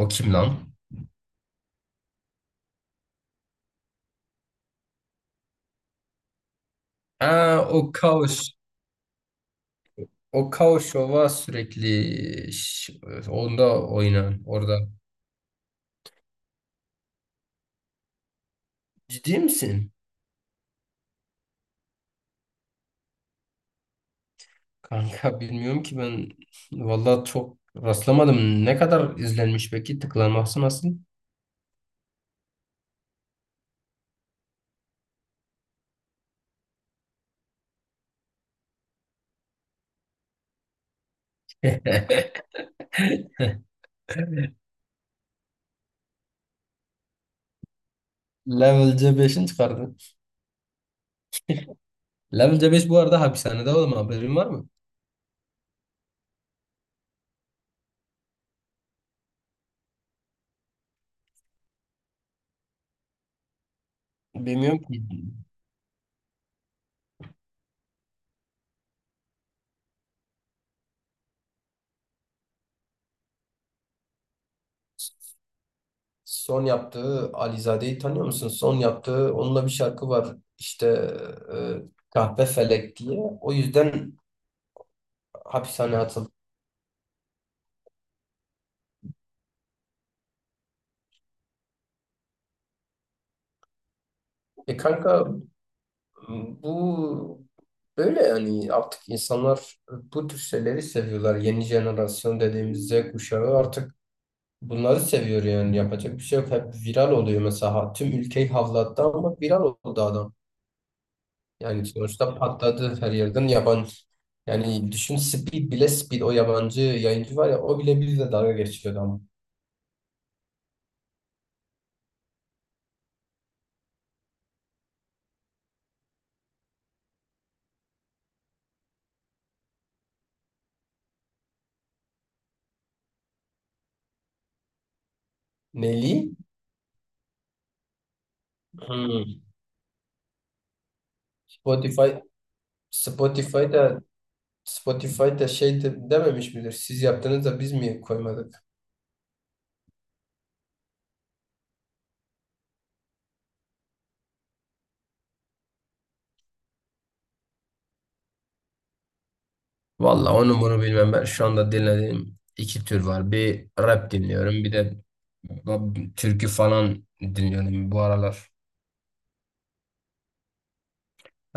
O kim lan? Ha, o Kaos. O Kaos Şov'a sürekli onda oynan orada. Ciddi misin? Kanka bilmiyorum ki ben vallahi çok rastlamadım. Ne kadar izlenmiş peki? Tıklanması nasıl? Level C5'in çıkardı. Level C5 bu arada hapishanede oğlum haberin var mı? Bilmiyorum ki. Son yaptığı Alizade'yi tanıyor musun? Son yaptığı onunla bir şarkı var. İşte e, Kahpe Felek diye. O yüzden hapishaneye atıldı. E kanka bu böyle yani artık insanlar bu tür şeyleri seviyorlar. Yeni jenerasyon dediğimiz Z kuşağı artık bunları seviyor yani yapacak bir şey yok. Hep viral oluyor mesela. Ha, tüm ülkeyi havlattı ama viral oldu adam. Yani sonuçta patladı her yerden yabancı. Yani düşün Speed bile, Speed, o yabancı yayıncı var ya, o bile bizle dalga geçiyordu ama. Neli? Hmm. Spotify Spotify'da Spotify'da şey de, dememiş midir? Siz yaptınız da biz mi koymadık? Valla onu bunu bilmem, ben şu anda dinlediğim iki tür var. Bir rap dinliyorum, bir de türkü falan dinliyorum bu aralar.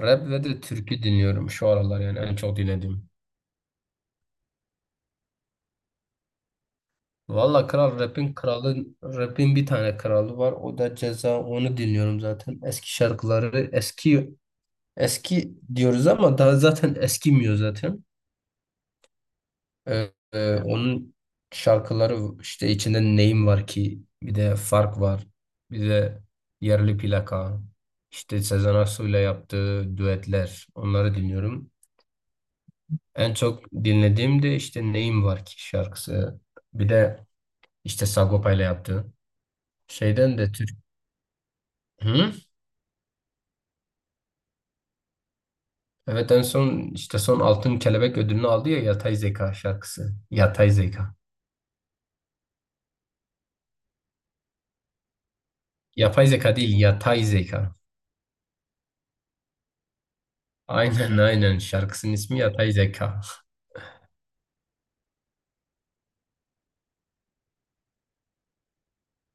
Rap ve de türkü dinliyorum şu aralar yani, en çok dinlediğim. Valla kral, rapin kralı, rapin bir tane kralı var, o da Ceza, onu dinliyorum zaten. Eski şarkıları, eski eski diyoruz ama daha zaten eskimiyor zaten. Onun şarkıları işte, içinde Neyim Var Ki bir de Fark var. Bir de Yerli Plaka. İşte Sezen Aksu ile yaptığı düetler. Onları dinliyorum. En çok dinlediğim de işte Neyim Var Ki şarkısı. Bir de işte Sagopa ile yaptığı. Şeyden de Türk. Hı? Evet, en son işte son Altın Kelebek ödülünü aldı ya, Yatay Zeka şarkısı. Yatay Zeka. Yapay zeka değil, yatay zeka. Aynen aynen, şarkısının ismi Yatay Zeka.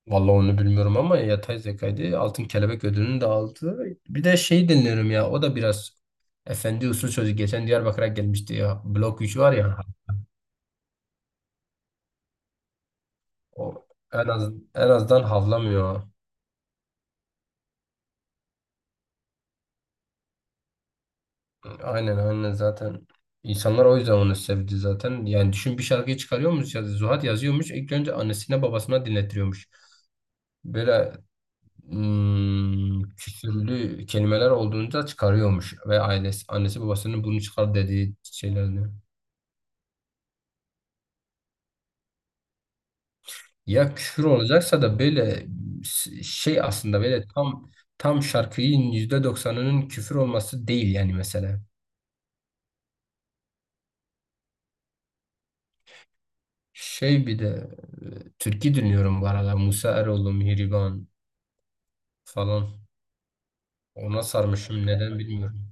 Vallahi onu bilmiyorum ama yapay zekaydı. Altın Kelebek ödülünü de aldı. Bir de şey dinliyorum ya, o da biraz efendi usul çocuk. Geçen Diyarbakır'a gelmişti ya. Blok 3 var ya. O en az, en azından havlamıyor. Aynen aynen zaten. İnsanlar o yüzden onu sevdi zaten. Yani düşün, bir şarkıyı çıkarıyormuş ya Zuhat, yazıyormuş. İlk önce annesine babasına dinletiyormuş. Böyle küfürlü kelimeler olduğunda çıkarıyormuş, ve ailesi annesi babasının bunu çıkar dediği şeylerdi. Ya küfür olacaksa da böyle şey, aslında böyle tam şarkının %90'ının küfür olması değil yani, mesela. Şey bir de türkü dinliyorum bu arada. Musa Eroğlu, Mihriban falan. Ona sarmışım, neden bilmiyorum.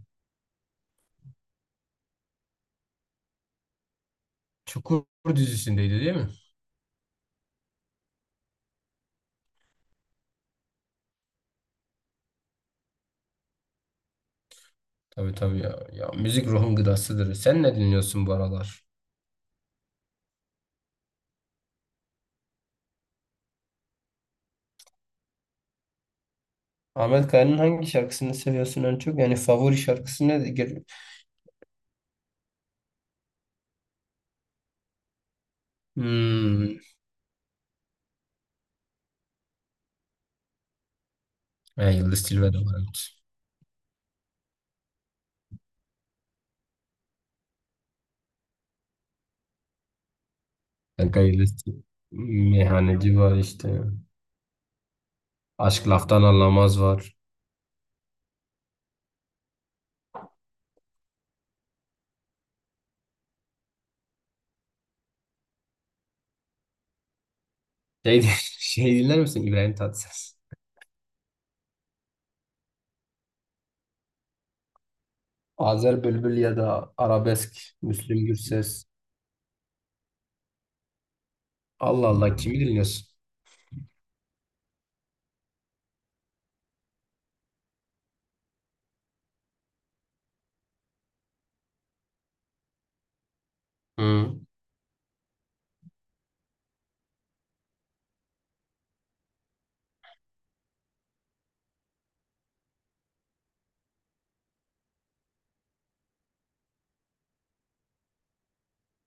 Çukur dizisindeydi değil mi? Tabii tabii ya. Ya müzik ruhun gıdasıdır. Sen ne dinliyorsun bu aralar? Ahmet Kaya'nın hangi şarkısını seviyorsun en çok? Yani favori şarkısı nedir? Hmm. Ha, Yıldız Tilbe de var, evet. Kanka liste, meyhaneci var işte. Aşk Laftan Anlamaz var. Şey, şey, dinler misin İbrahim Tatlıses? Azer Bülbül ya da arabesk, Müslüm Gürses. Allah Allah, kimi dinliyorsun? Hı.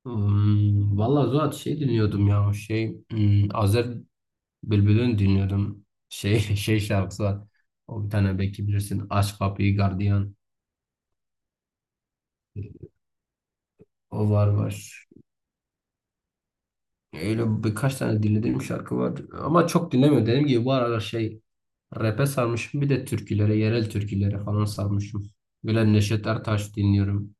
Hmm, valla Zuhat şey dinliyordum ya, şey Azer Bülbül'ün dinliyordum. Şey şey şarkısı var. O bir tane, belki bilirsin. Aç Kapıyı Gardiyan. O var var. Öyle birkaç tane dinlediğim şarkı var. Ama çok dinlemiyorum. Dediğim gibi bu aralar şey, rap'e sarmışım, bir de türkülere, yerel türkülere falan sarmışım. Böyle Neşet Ertaş dinliyorum.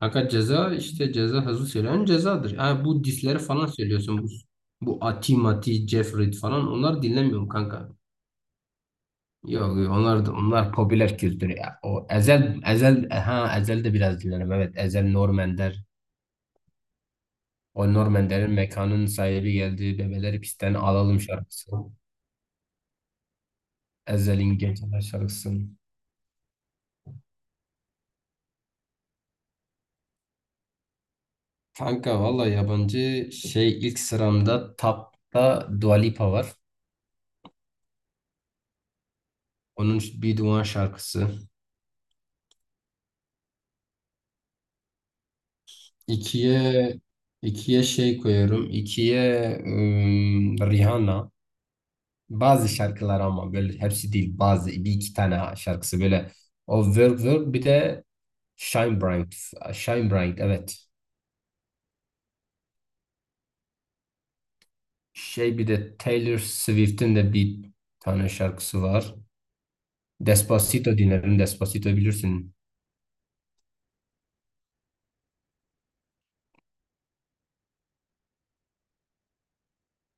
Fakat Ceza, işte Ceza, hızlı söyleyen Ceza'dır. Ha, bu disleri falan söylüyorsun. Bu Ati Mati, Jeffrey falan, onlar dinlemiyorum kanka. Yok yok, onlar da, onlar popüler kültür ya. O Ezel, Ezel, ha, Ezel de biraz dinlerim. Evet, Ezel, Norm Ender. O Norm Ender'in Mekanın Sahibi Geldi Bebeleri Pisten Alalım şarkısı. Ezel'in Geceler şarkısı. Kanka valla, yabancı şey, ilk sıramda Tap'ta Dua Lipa var. Onun Bir Duman şarkısı. İkiye ikiye şey koyuyorum. İkiye Rihanna. Bazı şarkılar ama, böyle hepsi değil. Bazı bir iki tane şarkısı böyle. O Work Work, bir de Shine Bright. Shine Bright, evet. Şey bir de Taylor Swift'in de bir tane şarkısı var. Despacito dinlerim. Despacito bilirsin.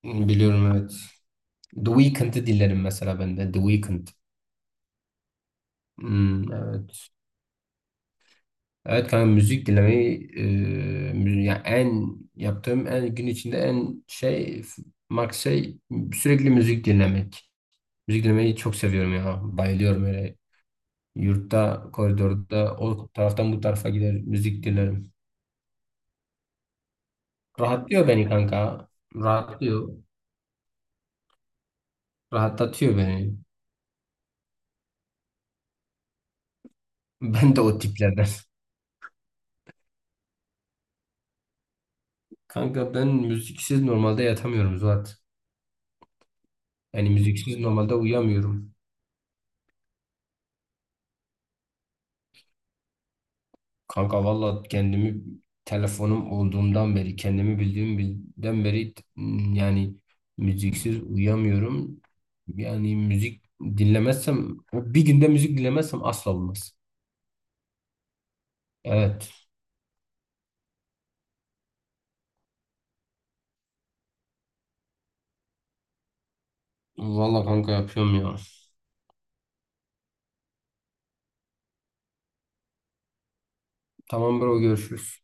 Biliyorum, evet. The Weeknd'i dinlerim mesela ben de. The Weeknd. Hmm, evet. Evet kanka, müzik dinlemeyi yani, en yaptığım, en gün içinde en şey, max şey, sürekli müzik dinlemek. Müzik dinlemeyi çok seviyorum ya. Bayılıyorum öyle. Yurtta, koridorda o taraftan bu tarafa gider müzik dinlerim. Rahatlıyor beni kanka. Rahatlıyor. Rahatlatıyor beni. Ben de o tiplerden. Kanka ben müziksiz normalde yatamıyorum Zuhat. Yani müziksiz normalde uyuyamıyorum. Kanka valla kendimi, telefonum olduğundan beri, kendimi bildiğim bilden beri yani müziksiz uyuyamıyorum. Yani müzik dinlemezsem, bir günde müzik dinlemezsem asla olmaz. Evet. Valla kanka, yapıyorum ya. Tamam bro, görüşürüz.